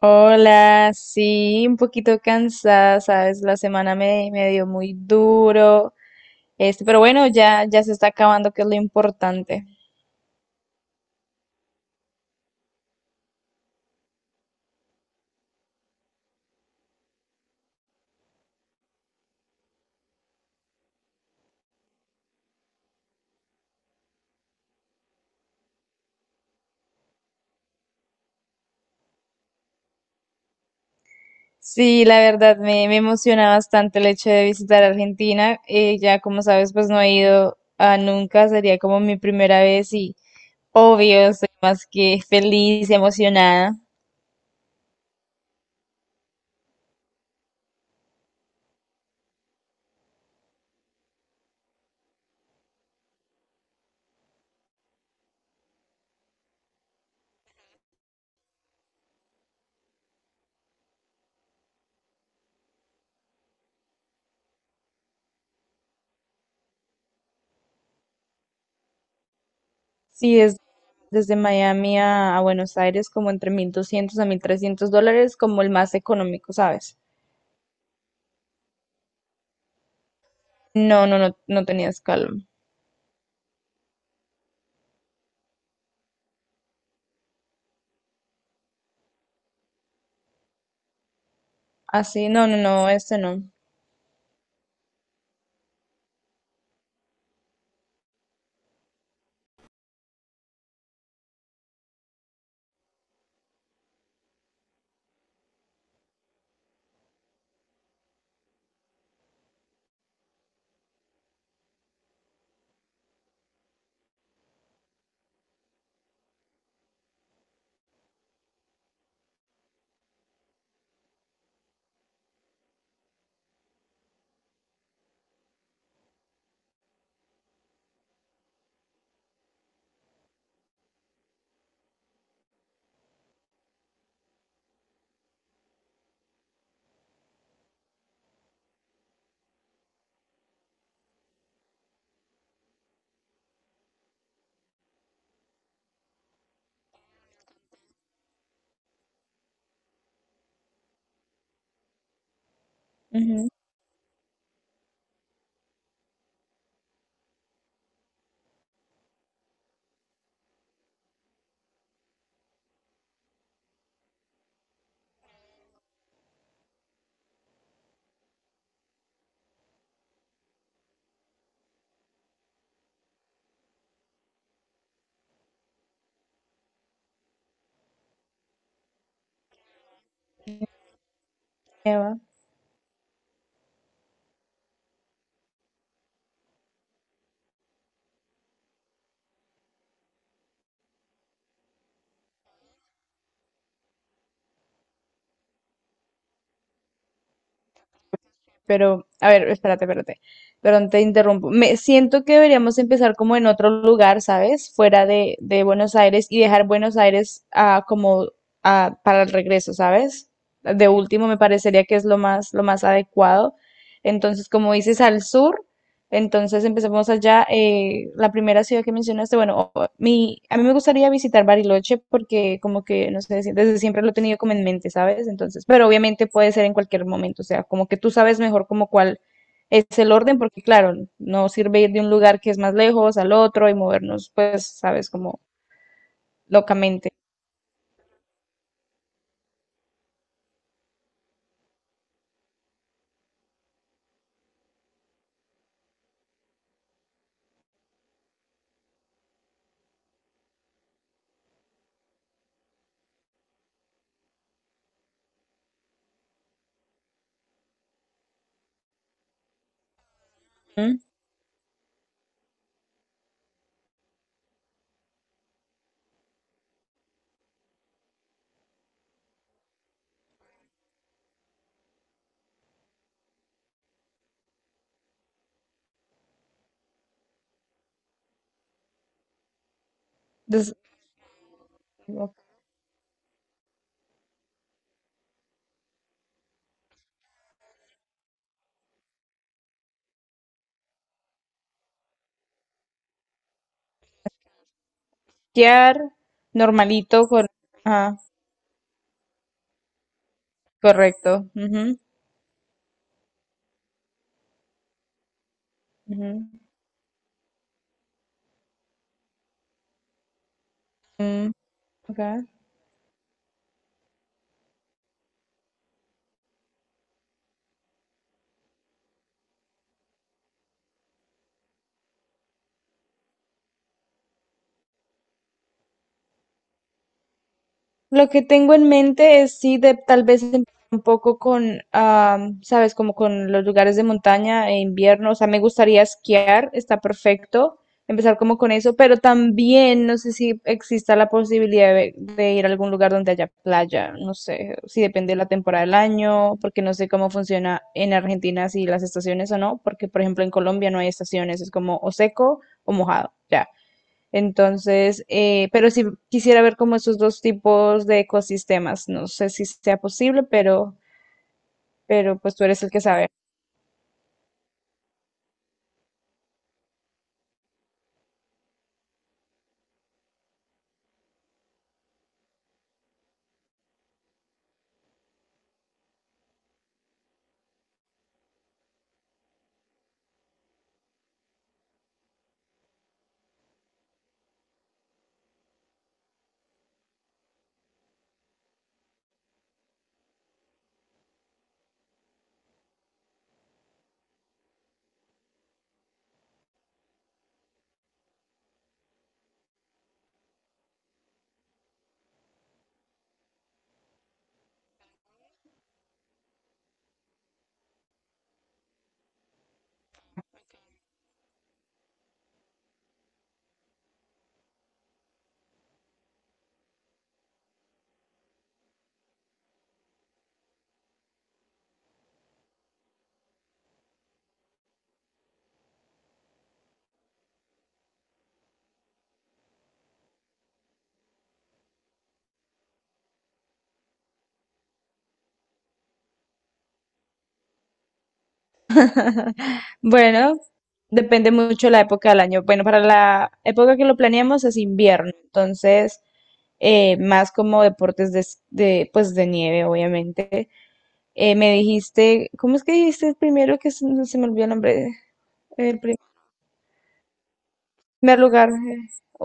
Hola, sí, un poquito cansada, sabes, la semana me dio muy duro, pero bueno, ya, ya se está acabando, que es lo importante. Sí, la verdad, me emociona bastante el hecho de visitar Argentina, ya como sabes, pues no he ido a nunca, sería como mi primera vez y obvio, estoy más que feliz y emocionada. Sí, es desde Miami a Buenos Aires como entre US$1.200 a US$1.300, como el más económico, ¿sabes? No, no, no, no tenías calma. Así, no, no, no, este no. Ujú, Eva. Pero, a ver, espérate, espérate. Perdón, te interrumpo. Me siento que deberíamos empezar como en otro lugar, ¿sabes? Fuera de Buenos Aires y dejar Buenos Aires como para el regreso, ¿sabes? De último me parecería que es lo más adecuado. Entonces, como dices, al sur, entonces empecemos allá. La primera ciudad que mencionaste, bueno, a mí me gustaría visitar Bariloche porque como que, no sé, desde siempre lo he tenido como en mente, ¿sabes? Entonces, pero obviamente puede ser en cualquier momento, o sea, como que tú sabes mejor como cuál es el orden, porque claro, no sirve ir de un lugar que es más lejos al otro y movernos, pues, ¿sabes? Como locamente. ¿Mm? Entonces, como quedar normalito con. Ah, correcto. Ujú, ujú, mm, ok. Lo que tengo en mente es sí de tal vez empezar un poco con, sabes, como con los lugares de montaña e invierno. O sea, me gustaría esquiar, está perfecto. Empezar como con eso, pero también no sé si exista la posibilidad de ir a algún lugar donde haya playa. No sé si depende de la temporada del año, porque no sé cómo funciona en Argentina si las estaciones o no, porque por ejemplo en Colombia no hay estaciones, es como o seco o mojado. Ya. Entonces, pero sí quisiera ver como esos dos tipos de ecosistemas. No sé si sea posible, pero pues tú eres el que sabe. Bueno, depende mucho la época del año. Bueno, para la época que lo planeamos es invierno, entonces más como deportes de, pues de nieve, obviamente. Me dijiste, ¿cómo es que dijiste el primero que se me olvidó el nombre? El primer lugar,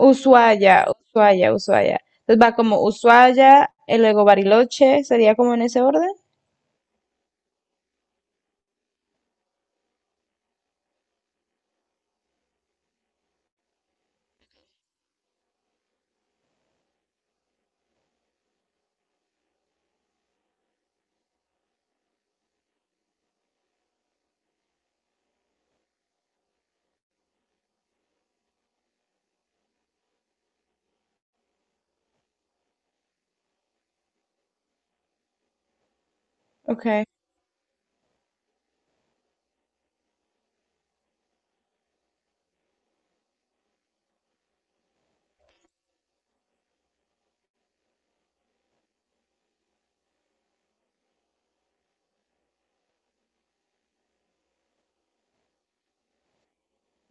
Ushuaia, Ushuaia, Ushuaia. Entonces va como Ushuaia, y luego Bariloche, sería como en ese orden. Ok.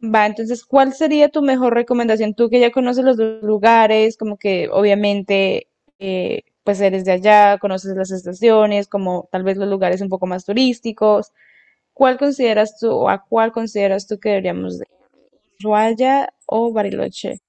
Va, entonces, ¿cuál sería tu mejor recomendación? Tú que ya conoces los dos lugares, como que obviamente, pues eres de allá, conoces las estaciones, como tal vez los lugares un poco más turísticos. ¿Cuál consideras tú o a cuál consideras tú que deberíamos de ir? ¿Ushuaia o Bariloche?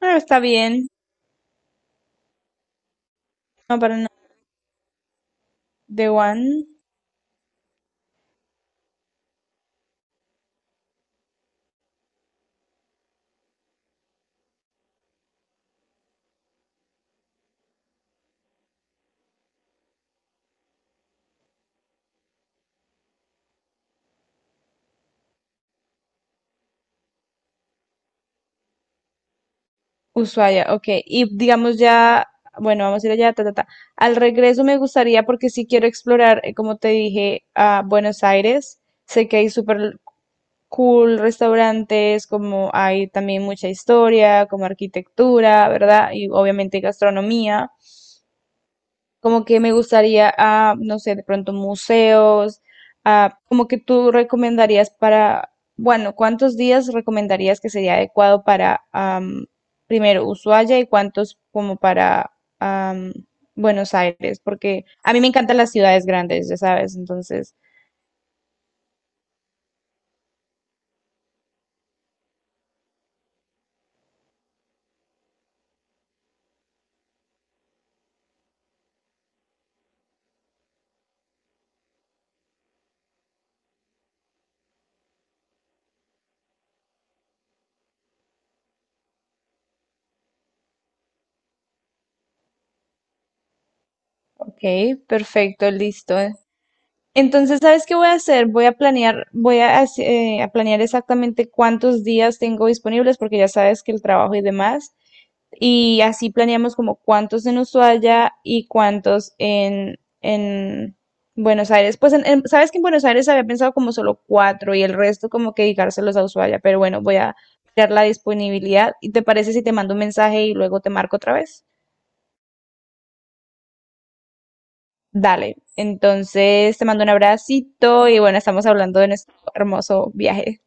Ah, está bien. No, para nada. The One. Ushuaia, ok. Y digamos ya, bueno, vamos a ir allá, ta, ta, ta. Al regreso me gustaría, porque sí quiero explorar, como te dije, a Buenos Aires. Sé que hay súper cool restaurantes, como hay también mucha historia, como arquitectura, ¿verdad? Y obviamente gastronomía. Como que me gustaría no sé, de pronto museos, como que tú recomendarías para, bueno, ¿cuántos días recomendarías que sería adecuado para, primero, Ushuaia y cuántos como para am, Buenos Aires? Porque a mí me encantan las ciudades grandes, ya sabes, entonces, ok, perfecto, listo. Entonces, ¿sabes qué voy a hacer? Voy a planear, a planear exactamente cuántos días tengo disponibles, porque ya sabes que el trabajo y demás. Y así planeamos como cuántos en Ushuaia y cuántos en Buenos Aires. Pues sabes que en Buenos Aires había pensado como solo cuatro y el resto como que dedicárselos a Ushuaia. Pero bueno, voy a crear la disponibilidad. ¿Y te parece si te mando un mensaje y luego te marco otra vez? Dale. Entonces te mando un abracito y bueno, estamos hablando de nuestro hermoso viaje.